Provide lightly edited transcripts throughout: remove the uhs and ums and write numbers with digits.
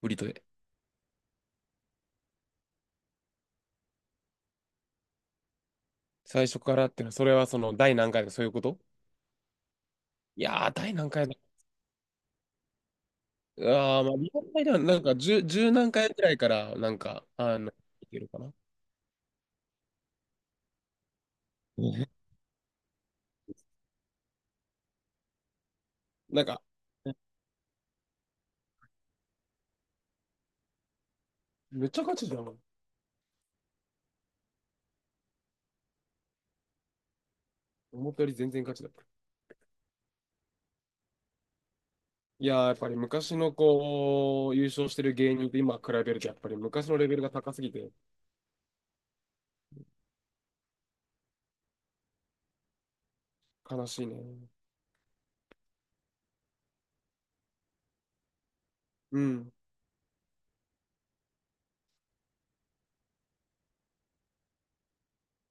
ブリトで。最初からっていうのは、それはその、第何回とかそういうこと？第何回だ。まあ、リアルタイでは、10、十何回くらいから、いけるかな。ね。なんか、めっちゃ勝ちじゃん。思ったより全然勝ちだった。いやー、やっぱり昔のこう、優勝してる芸人と今比べると、やっぱり昔のレベルが高すぎて、悲しいね。うん、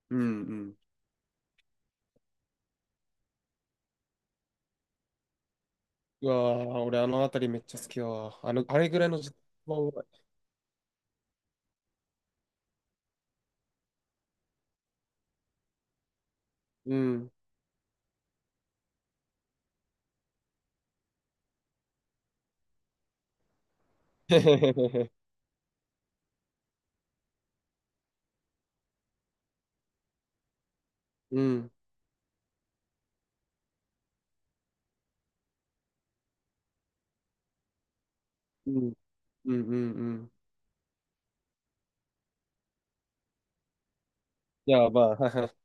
うん、うん。うわー、俺あのあたりめっちゃ好きだわ。あの、あれぐらいの時間はうまい。うん。うん、うん、うん、うん、うん。いや、まあ、はいはい。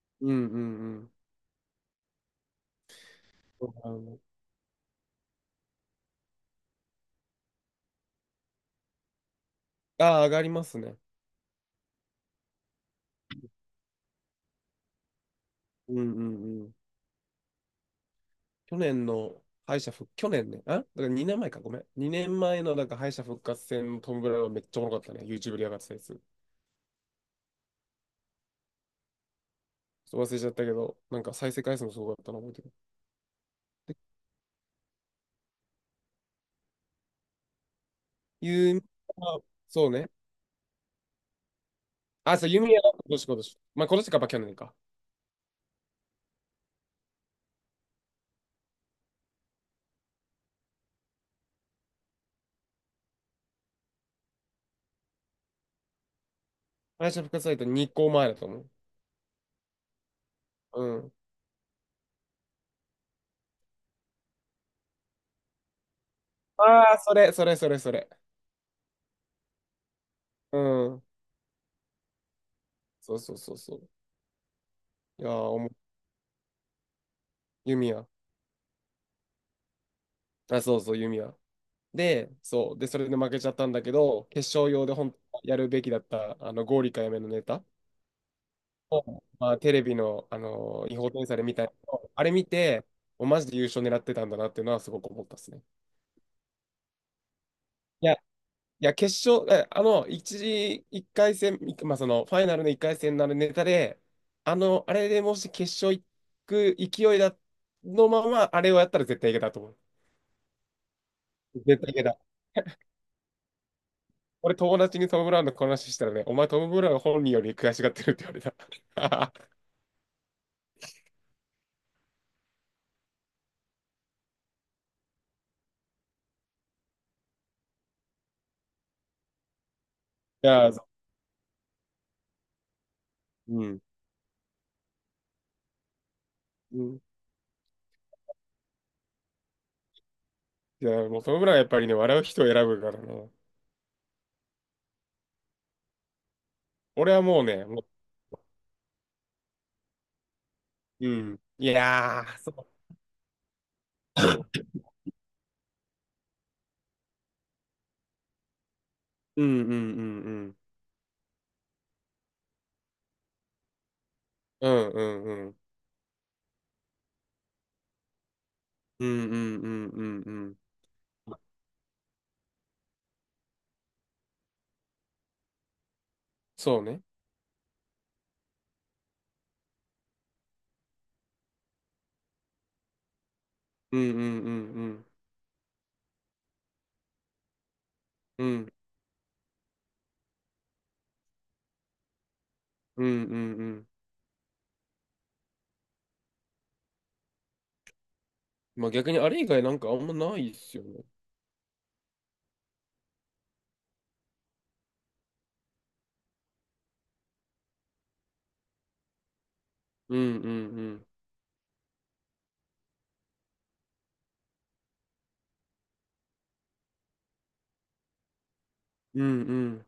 うんうんうん。そうだね。ああ上がりますね。うんうんうん。去年の敗者復、去年ね。あ、だから2年前か、ごめん。2年前のなんか敗者復活戦のトム・ブラウンめっちゃおもろかったね。YouTube で上がってたやつ。ちょっと忘れちゃったけど、なんか再生回数もすごかったの覚えてる。ユミ。あ、そうね。あ、そう、ユミヤ今年今年。まあ今年か、まあ去年か。敗者復活サイト2個前だと思う。うん。ああ、それ、それ、それ、それ。うん。そうそうそうそう。いやー、おも、ユミヤ。あ、そうそう、弓矢。で、そう。で、それで負けちゃったんだけど、決勝用で本当はやるべきだった、あの、ゴーリカやめのネタを、まあ、テレビの、あの、違法転載で見たやつをあれ見て、おマジで優勝狙ってたんだなっていうのはすごく思ったですね。いや、決勝、えあの、一時、一回戦、いまあ、その、ファイナルの一回戦のあのネタで、あれでもし決勝行く勢いだのまま、あれをやったら絶対いけたと思う。絶対いけた。俺友達にトム・ブラウンのこの話したらね、お前トム・ブラウン本人より悔しがってるって言われた。いやー、そう。うん。うん。いや、もうトム・ブラウンはやっぱりね、笑う人を選ぶからね。俺はもうね、もう、うん。いやー、そう。うんうんうんうん。うんうんうん。うんうんうんうんうん。そうね。うんうんうんうん。うんうんうんうん。まあ逆にあれ以外なんかあんまないっすよね。うんうんうん。うんうん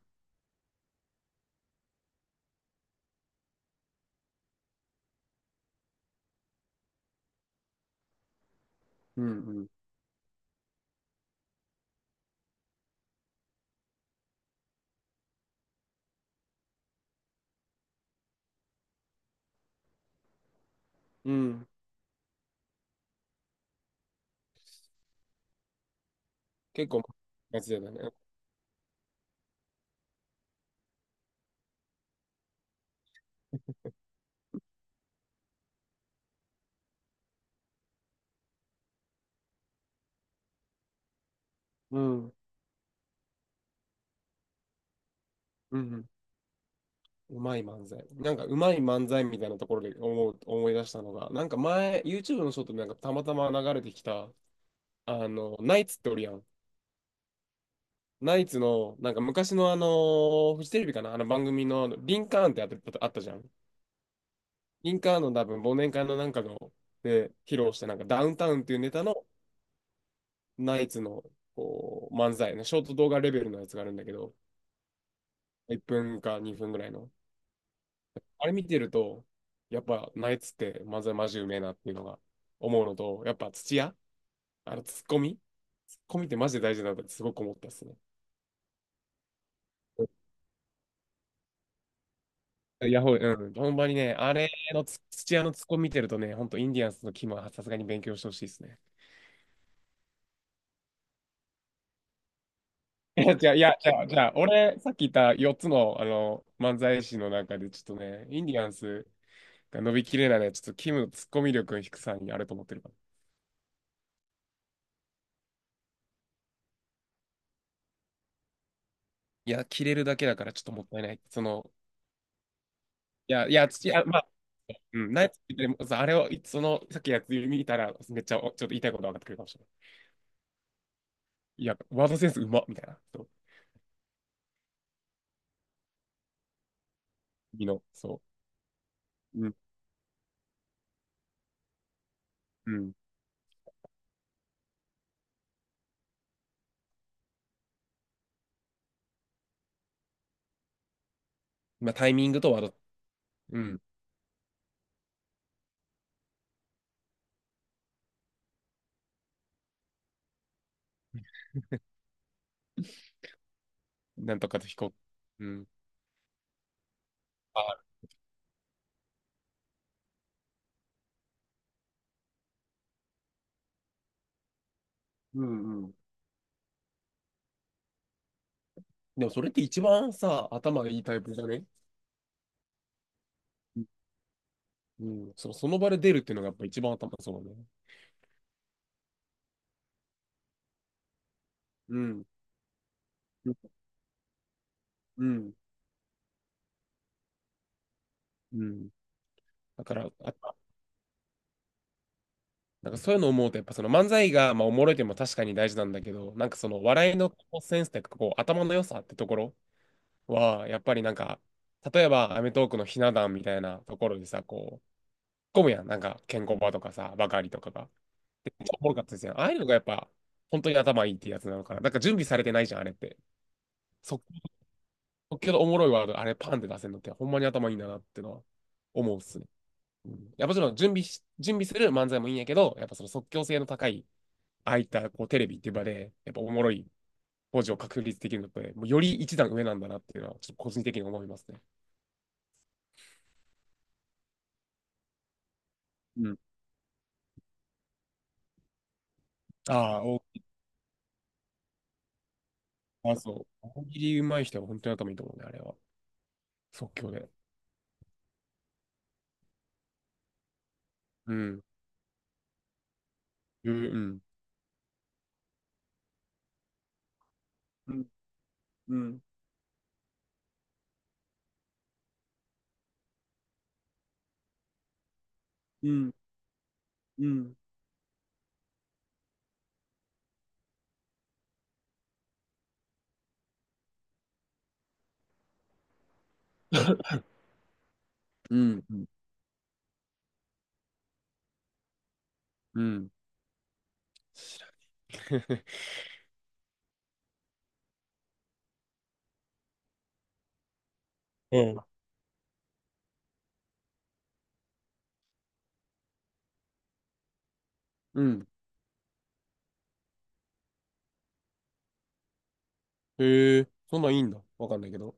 うんうん。うん。結構、マジだね。うん。うんうん。うまい漫才。なんかうまい漫才みたいなところで思う、思い出したのが、なんか前、YouTube のショートでなんかたまたま流れてきた、あの、ナイツっておるやん。ナイツの、なんか昔のあの、フジテレビかな、あの番組のリンカーンってあった、あったじゃん。リンカーンの多分忘年会のなんかの、で、披露したなんかダウンタウンっていうネタのナイツのこう漫才のショート動画レベルのやつがあるんだけど、1分か2分ぐらいの。あれ見てると、やっぱ、ナイツって漫才マジうめえなっていうのが思うのと、やっぱ土屋、あのツッコミ、ツッコミってマジで大事だなってすごく思ったっすね。ヤホー、うん、ほんまにね、あれの土屋のツッコミ見てるとね、ほんとインディアンスのキムはさすがに勉強してほしいですね。いや、じゃあ、いや、じゃあ、じゃあ俺、さっき言った4つの、あの漫才師の中で、ちょっとね、インディアンスが伸びきれないのは、ちょっとキムのツッコミ力の低さにあると思ってるから。いや、切れるだけだからちょっともったいない。その、土屋、まあうん、ナイツって言ってもさあれを、その、さっきやつ見たら、めっちゃ、おちょっと言いたいこと分かってくるかもしれない。いや、ワードセンスうまっみたいな。そう。君の、そう。うん、うん。まあ、タイミングとワード、うん。なんとかと飛行。うん。あ、うんうん。でも、それって一番さ、頭がいいタイプじゃね？うん、うん。その、その場で出るっていうのがやっぱ一番頭そうだね。うん。うん。うん。だから、あ、なんかそういうのを思うと、やっぱその漫才が、まあ、おもろいっていうのも確かに大事なんだけど、なんかその笑いのセンスというか、こう、頭の良さってところは、やっぱりなんか、例えば、アメトーークのひな壇みたいなところでさ、こう、混むやん。なんか、ケンコバとかさ、ばかりとかが。で、めっおもろかったですよ。ああいうのがやっぱ、本当に頭いいってやつなのかな。なんか準備されてないじゃん、あれって。即興のおもろいワード、あれパンって出せるのって、ほんまに頭いいんだなってのは思うっすね。うん、いや、もちろん準備し、準備する漫才もいいんやけど、やっぱその即興性の高い、ああいったこうテレビっていう場で、やっぱおもろい工事を確立できるのって、もうより一段上なんだなっていうのは、ちょっと個人的に思いますね。うん。ああ、あ、そう。大喜利上手い人は本当に頭いいと思うね、あれは。即興で。うん。うん。うん。うん。うん。うん。うん。うん。うん。知らない。 うん。うん。へえ、そんなんいいんだ。わかんないけど。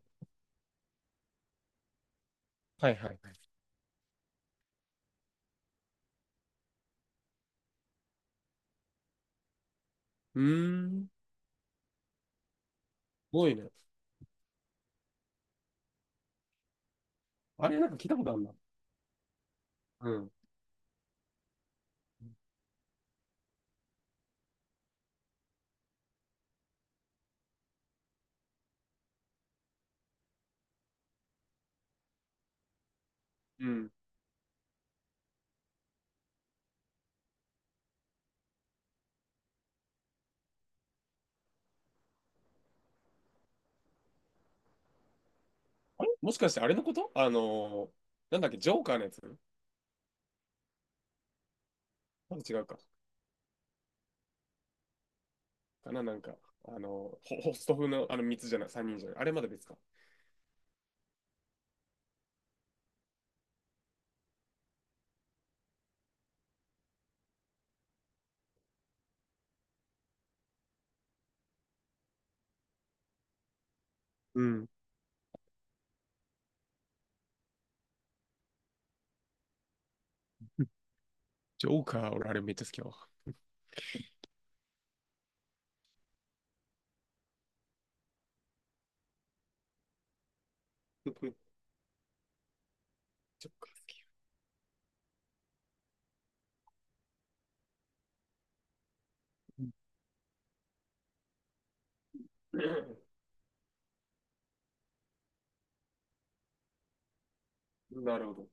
はいはい。うーん。すごいね。あれなんか聞いたことあるな。うん。うん。あれもしかしてあれのこと、あのー、なんだっけ、ジョーカーのやつ？なんか違うか。かな、なんか、ホスト風のあの3つじゃない、3人じゃない。あれまだ別か。うん。ジョーカー、俺あれめっちゃ好きやわ。そっか。 なるほど。